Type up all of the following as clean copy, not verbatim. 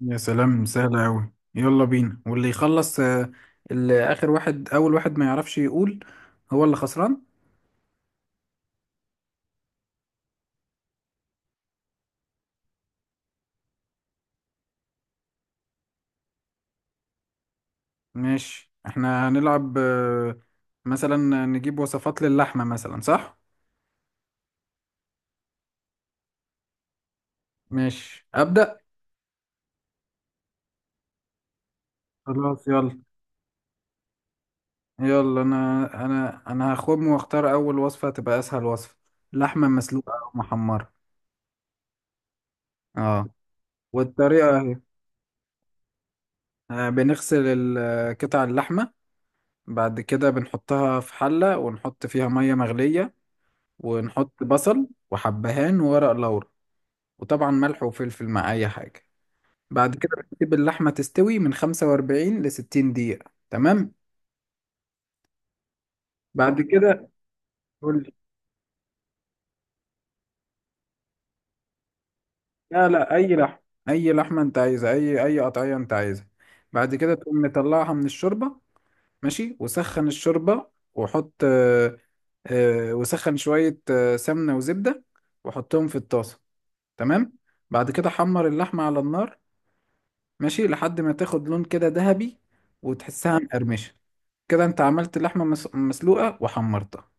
يا سلام سهلة أوي، يلا بينا واللي يخلص اللي آخر واحد، أول واحد، ما يعرفش يقول هو اللي خسران. ماشي، احنا هنلعب مثلا نجيب وصفات للحمة مثلا، صح؟ ماشي، أبدأ. خلاص يلا. يلا أنا هخم وأختار أول وصفة تبقى أسهل وصفة: لحمة مسلوقة أو محمرة. اه، والطريقة أهي: بنغسل قطع اللحمة، بعد كده بنحطها في حلة ونحط فيها مية مغلية، ونحط بصل وحبهان وورق لورا، وطبعا ملح وفلفل مع أي حاجة. بعد كده بنسيب اللحمة تستوي من 45 ل 60 دقيقة. تمام. بعد كده قول لي. لا، أي لحمة، أي لحمة أنت عايزها، أي قطعية أنت عايزها. بعد كده تقوم مطلعها من الشوربة. ماشي، وسخن الشوربة، وحط وسخن شوية سمنة وزبدة وحطهم في الطاسة. تمام. بعد كده حمر اللحمة على النار، ماشي، لحد ما تاخد لون كده ذهبي وتحسها مقرمشة. كده انت عملت اللحمة مسلوقة وحمرتها.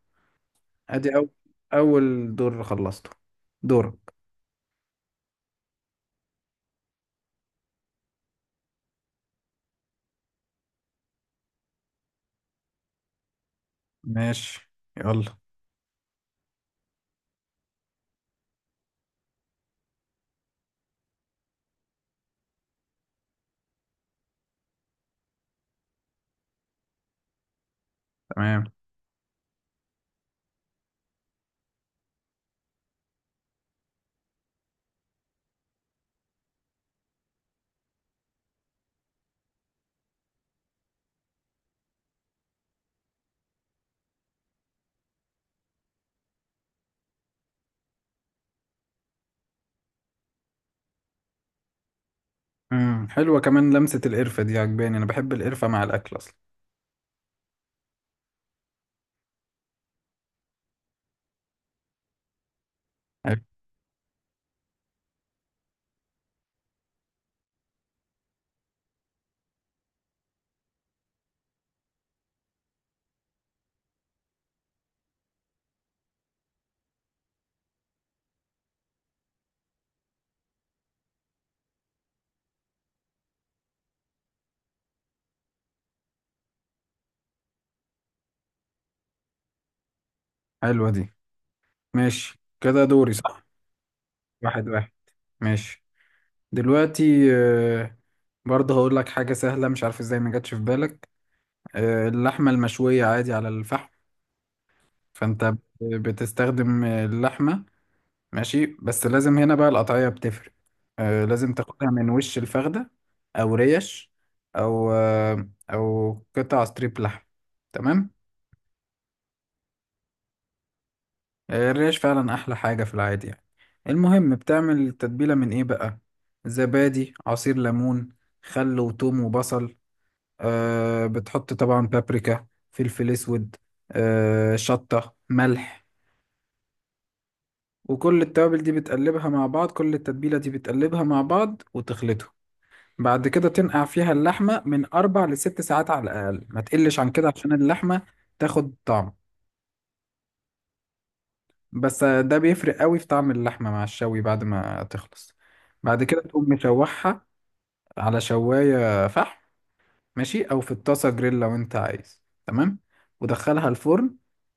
ادي اول، اول دور خلصته، دورك. ماشي، يلا. تمام. امم، حلوة كمان لمسة القرفة دي، عجباني، انا بحب القرفة مع الاكل اصلا. حلو. حلوة دي. ماشي كده، دوري صح. واحد واحد. ماشي. دلوقتي برضه هقول لك حاجة سهلة، مش عارف ازاي ما جاتش في بالك. اللحمة المشوية عادي على الفحم. فانت بتستخدم اللحمة. ماشي، بس لازم هنا بقى القطعية بتفرق. آه، لازم تاخدها من وش الفخدة، أو ريش، أو أو قطع ستريب لحم. تمام. آه، الريش فعلا أحلى حاجة في العادي يعني. المهم بتعمل التتبيلة من إيه بقى؟ زبادي، عصير ليمون، خل وتوم وبصل، آه، بتحط طبعا بابريكا، فلفل أسود، آه، شطة، ملح. وكل التوابل دي بتقلبها مع بعض، كل التتبيلة دي بتقلبها مع بعض وتخلطهم. بعد كده تنقع فيها اللحمة من أربع لست ساعات على الأقل، ما تقلش عن كده عشان اللحمة تاخد طعم. بس ده بيفرق قوي في طعم اللحمة مع الشوي بعد ما تخلص. بعد كده تقوم مشوحها على شواية فحم، ماشي، أو في الطاسة جريل لو أنت عايز. تمام. ودخلها الفرن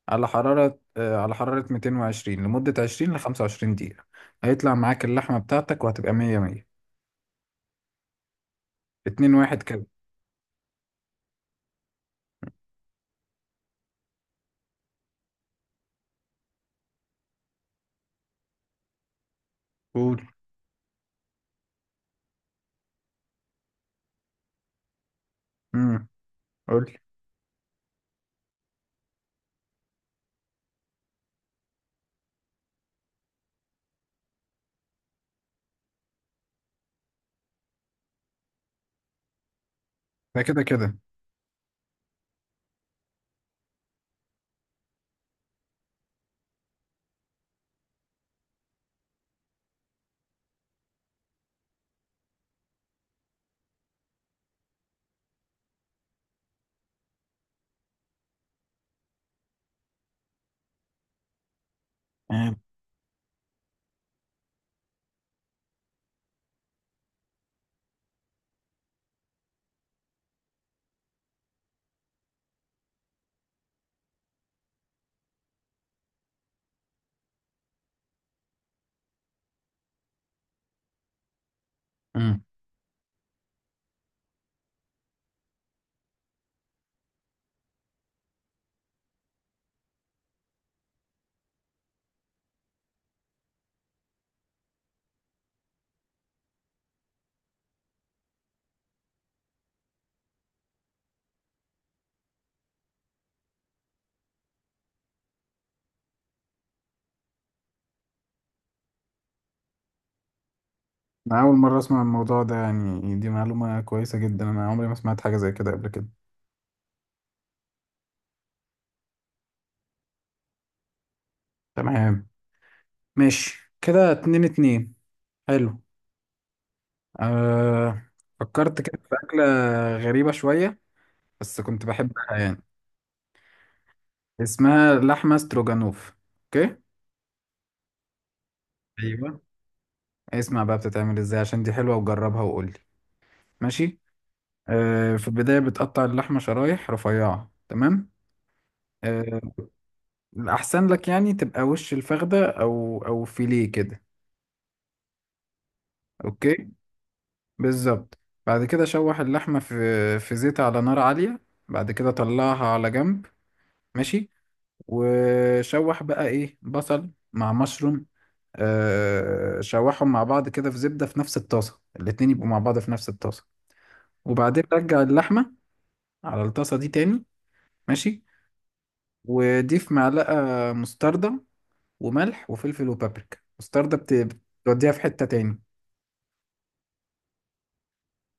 على حرارة 220 لمدة 20 ل 25 دقيقة. هيطلع معاك اللحمة بتاعتك وهتبقى مية مية. اتنين واحد كده. قول. امم. قول. ده كده كده. امم. أنا أول مرة أسمع الموضوع ده يعني، دي معلومة كويسة جدا، أنا عمري ما سمعت حاجة زي كده قبل كده. تمام. ماشي كده، اتنين اتنين. حلو. أه، فكرت كده في أكلة غريبة شوية بس كنت بحبها يعني. اسمها لحمة ستروجانوف. أوكي. ايوه، اسمع بقى بتتعمل إزاي، عشان دي حلوة وجربها وقولي. ماشي. أه، في البداية بتقطع اللحمة شرايح رفيعة. تمام. أه، الأحسن لك يعني تبقى وش الفخدة أو فيليه كده. أوكي. بالظبط. بعد كده شوح اللحمة في زيت على نار عالية. بعد كده طلعها على جنب. ماشي. وشوح بقى ايه، بصل مع مشروم. آه، شوحهم مع بعض كده في زبدة في نفس الطاسة، الاتنين يبقوا مع بعض في نفس الطاسة. وبعدين رجع اللحمة على الطاسة دي تاني. ماشي. وضيف معلقة مستردة، وملح وفلفل وبابريكا. مستردة بتوديها في حتة تاني.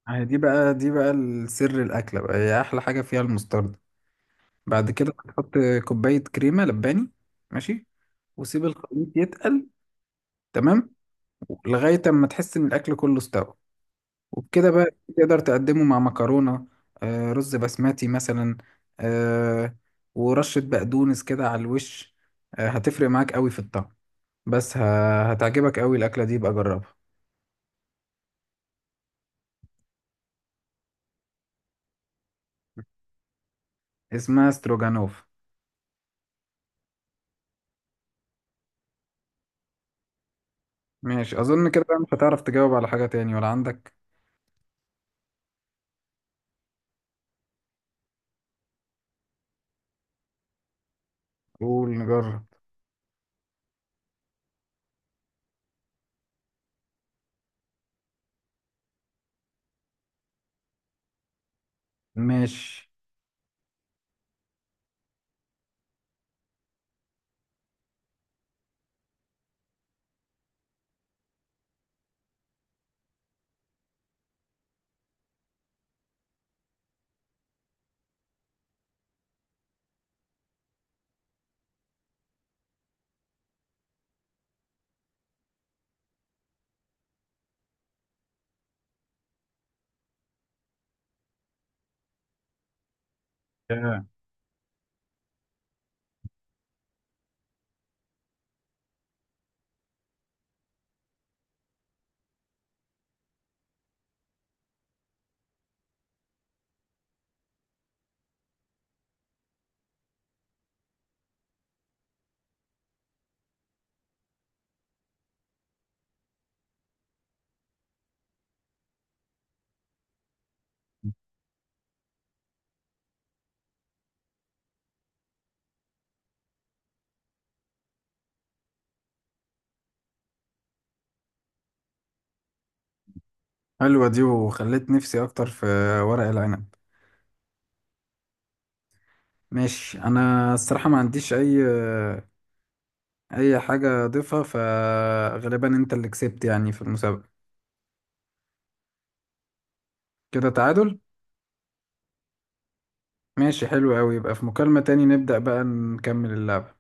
آه، دي بقى، دي بقى السر، الأكلة بقى هي أحلى حاجة فيها المستردة. بعد كده تحط كوباية كريمة لباني. ماشي. وسيب الخليط يتقل. تمام. لغاية اما تحس ان الاكل كله استوى. وبكده بقى تقدر تقدمه مع مكرونة، آه، رز بسمتي مثلا، آه، ورشة بقدونس كده على الوش. آه، هتفرق معاك قوي في الطعم. بس هتعجبك قوي الاكلة دي، بقى جربها. اسمها ستروجانوف. ماشي، اظن كده بقى مش هتعرف تجاوب على حاجة تاني، ولا عندك؟ قول نجرب. ماشي. حلوة دي، وخليت نفسي أكتر في ورق العنب. ماشي، أنا الصراحة ما عنديش أي، أي حاجة أضيفها، فغالبا أنت اللي كسبت يعني في المسابقة. كده تعادل. ماشي، حلو أوي، يبقى في مكالمة تاني نبدأ بقى نكمل اللعب.